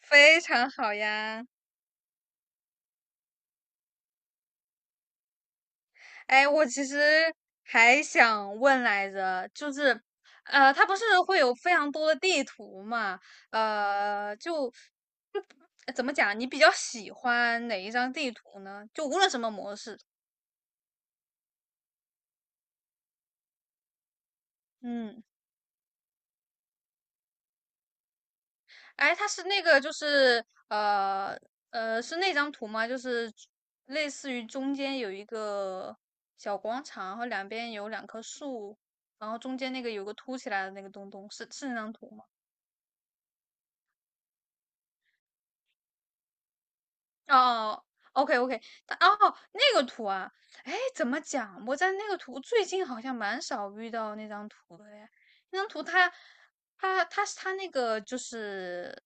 非常好呀。哎，我其实还想问来着，就是，它不是会有非常多的地图嘛？呃，就就呃怎么讲？你比较喜欢哪一张地图呢？就无论什么模式。嗯。哎，它是那个就是呃是那张图吗？就是类似于中间有一个小广场，然后两边有两棵树，然后中间那个有个凸起来的那个东东，是那张图吗？哦，OK OK，它哦，那个图啊。哎，怎么讲？我在那个图最近好像蛮少遇到那张图的哎。那张图它是它那个就是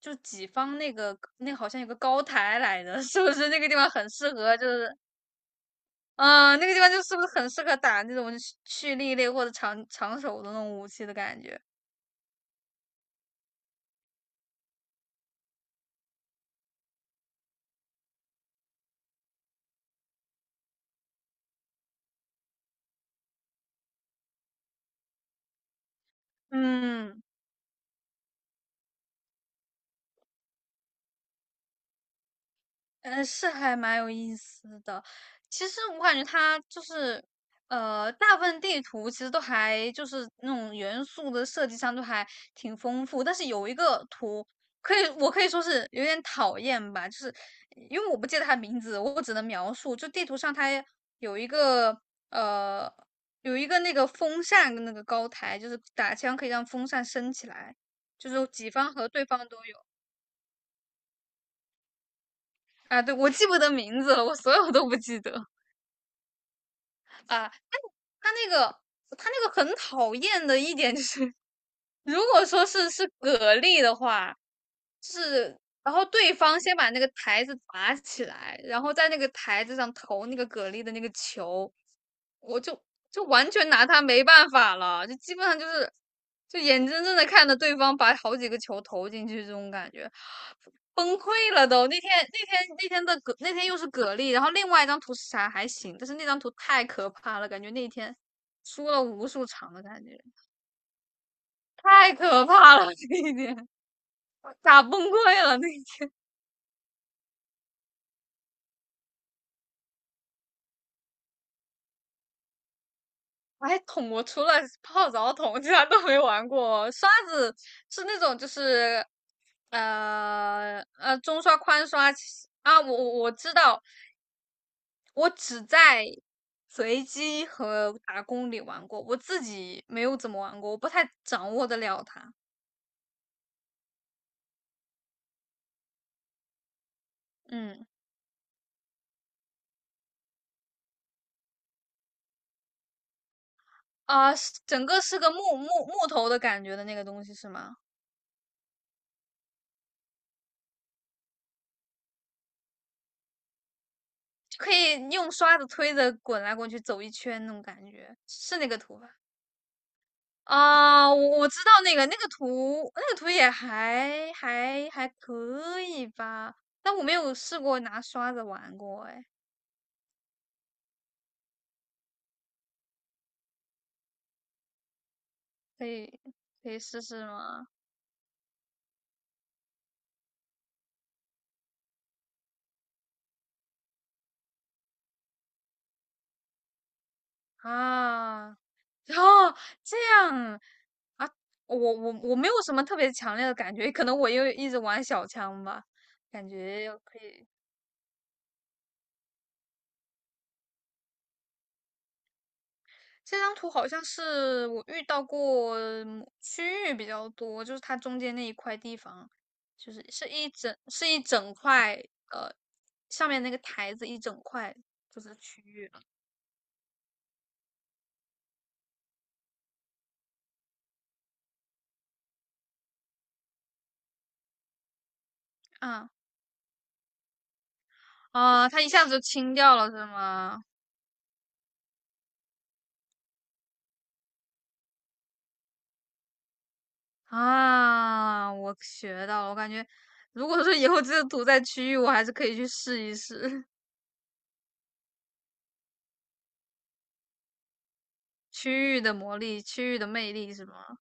就己方那个那好像有个高台来的，是不是那个地方很适合就是嗯，那个地方就是不是很适合打那种蓄力类或者长手的那种武器的感觉？嗯。是还蛮有意思的。其实我感觉它就是，大部分地图其实都还就是那种元素的设计上都还挺丰富，但是有一个图可以，我可以说是有点讨厌吧，就是因为我不记得它名字，我只能描述。就地图上它有一个呃有一个那个风扇跟那个高台，就是打枪可以让风扇升起来，就是己方和对方都有。啊，对，我记不得名字了，我所有都不记得。啊，他那个他那个很讨厌的一点就是，如果说是蛤蜊的话，就是然后对方先把那个台子砸起来，然后在那个台子上投那个蛤蜊的那个球，我就完全拿他没办法了，就基本上就是就眼睁睁的看着对方把好几个球投进去，这种感觉崩溃了都。那天的蛤那天又是蛤蜊，然后另外一张图是啥还行，但是那张图太可怕了，感觉那天输了无数场的感觉，太可怕了，那一天打崩溃了那一哎，桶我除了泡澡桶，其他都没玩过。刷子是那种就是，中刷、宽刷其实啊，我知道，我只在随机和打工里玩过，我自己没有怎么玩过，我不太掌握得了它。嗯啊，是整个是个木头的感觉的那个东西是吗？就可以用刷子推着滚来滚去走一圈那种感觉，是那个图吧？啊，我知道那个图，那个图也还可以吧，但我没有试过拿刷子玩过。哎，可以可以试试吗？啊，哦，这样啊，我没有什么特别强烈的感觉，可能我又一直玩小枪吧，感觉可以。这张图好像是我遇到过嗯区域比较多，就是它中间那一块地方，就是是一整是一整块，呃，上面那个台子一整块就是区域了。啊啊，它一下子就清掉了是吗？啊，我学到了，我感觉如果说以后这个图在区域，我还是可以去试一试。 区域的魔力、区域的魅力是吗？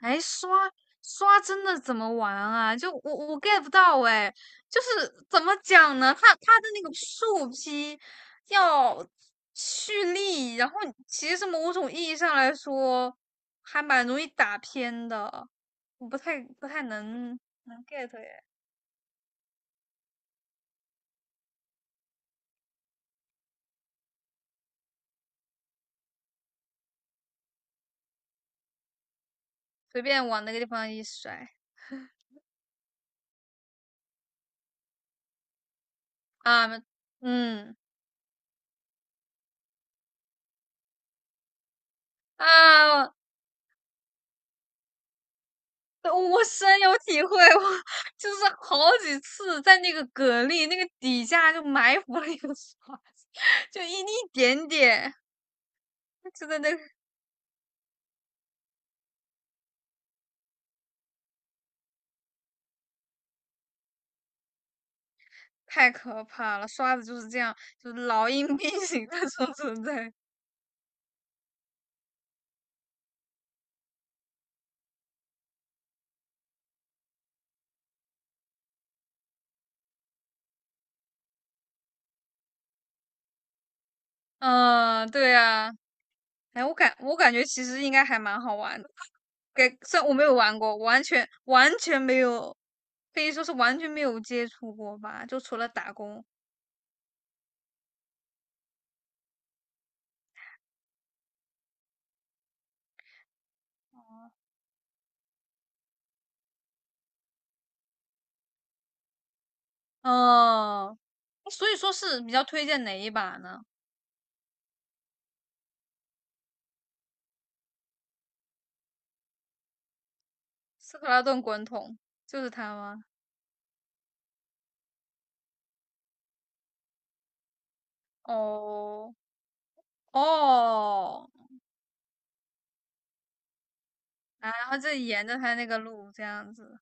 哎，刷真的怎么玩啊？就我 get 不到哎，就是怎么讲呢？它的那个树劈要蓄力，然后其实某种意义上来说，还蛮容易打偏的。我不太能能 get 哎，随便往那个地方一甩啊，嗯啊。对我深有体会，我就是好几次在那个蛤蜊那个底下就埋伏了一个刷就一点点，真的那个太可怕了。刷子就是这样，就是老鹰变形的 这种存在。嗯，对啊，哎，我感觉其实应该还蛮好玩的。给，虽然我没有玩过，完全没有，可以说是完全没有接触过吧，就除了打工。嗯，所以说是比较推荐哪一把呢？斯克拉顿滚筒就是它吗？哦哦，啊然后就沿着它那个路这样子，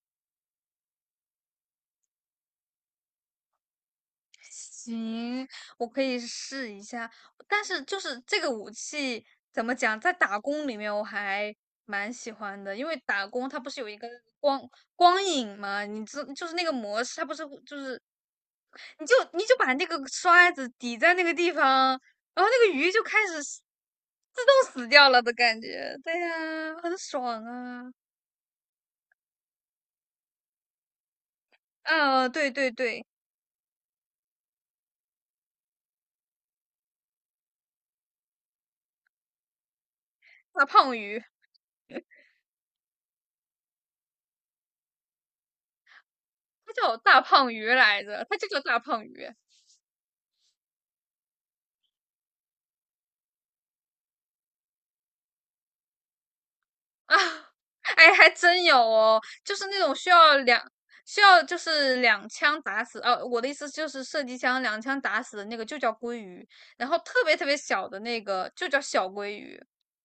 行，我可以试一下。但是就是这个武器怎么讲，在打工里面我还蛮喜欢的，因为打工它不是有一个光光影嘛，你知就是那个模式，它不是会就是你就把那个刷子抵在那个地方，然后那个鱼就开始死自动死掉了的感觉。对呀、很爽啊！啊，对对对，大胖鱼，它叫大胖鱼来着，它就叫大胖鱼啊。哎，还真有哦，就是那种需要就是两枪打死，哦、我的意思就是射击枪两枪打死的那个就叫鲑鱼，然后特别特别小的那个就叫小鲑鱼，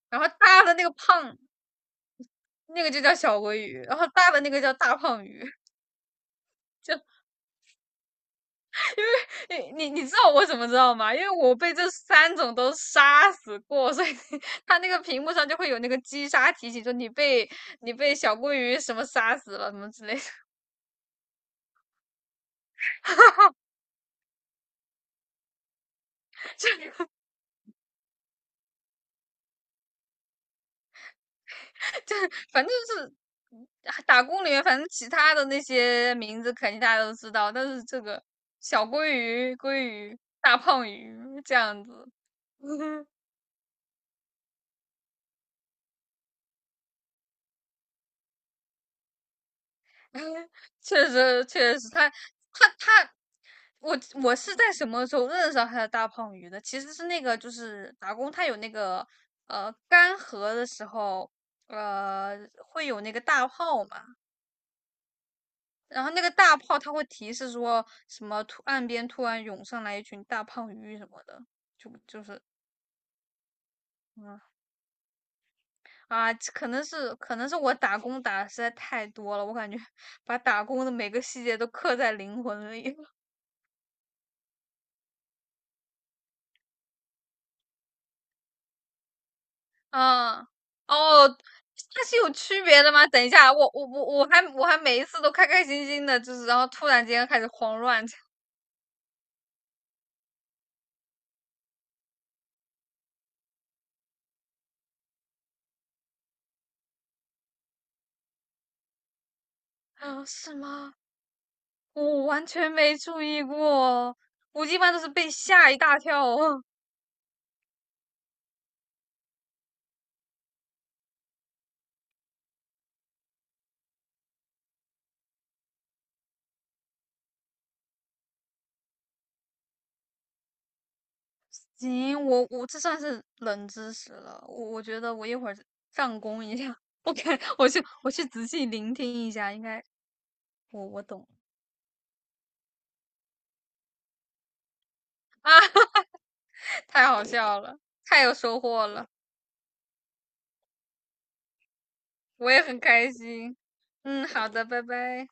然后大的那个胖那个就叫小鲑鱼，然后大的那个叫大胖鱼。你知道我怎么知道吗？因为我被这三种都杀死过，所以 它那个屏幕上就会有那个击杀提醒，说你被小鲑鱼什么杀死了什么之类的。就就反正就是。打工里面，反正其他的那些名字肯定大家都知道，但是这个小鲑鱼、鲑鱼、大胖鱼这样子。确实确实，他，我是在什么时候认识到他的大胖鱼的？其实是那个就是打工，他有那个干涸的时候，呃会有那个大炮嘛，然后那个大炮它会提示说什么突岸边突然涌上来一群大胖鱼什么的，就就是嗯啊，可能是我打工打的实在太多了，我感觉 把打工的每个细节都刻在灵魂里。嗯，哦，它是有区别的吗？等一下，我还每一次都开开心心的，就是然后突然间开始慌乱起来。啊，是吗？我完全没注意过，我一般都是被吓一大跳哦。行，我这算是冷知识了，我觉得我一会儿上攻一下，我看我去仔细聆听一下，应该我懂。太好笑了，太有收获了，我也很开心。嗯，好的，拜拜。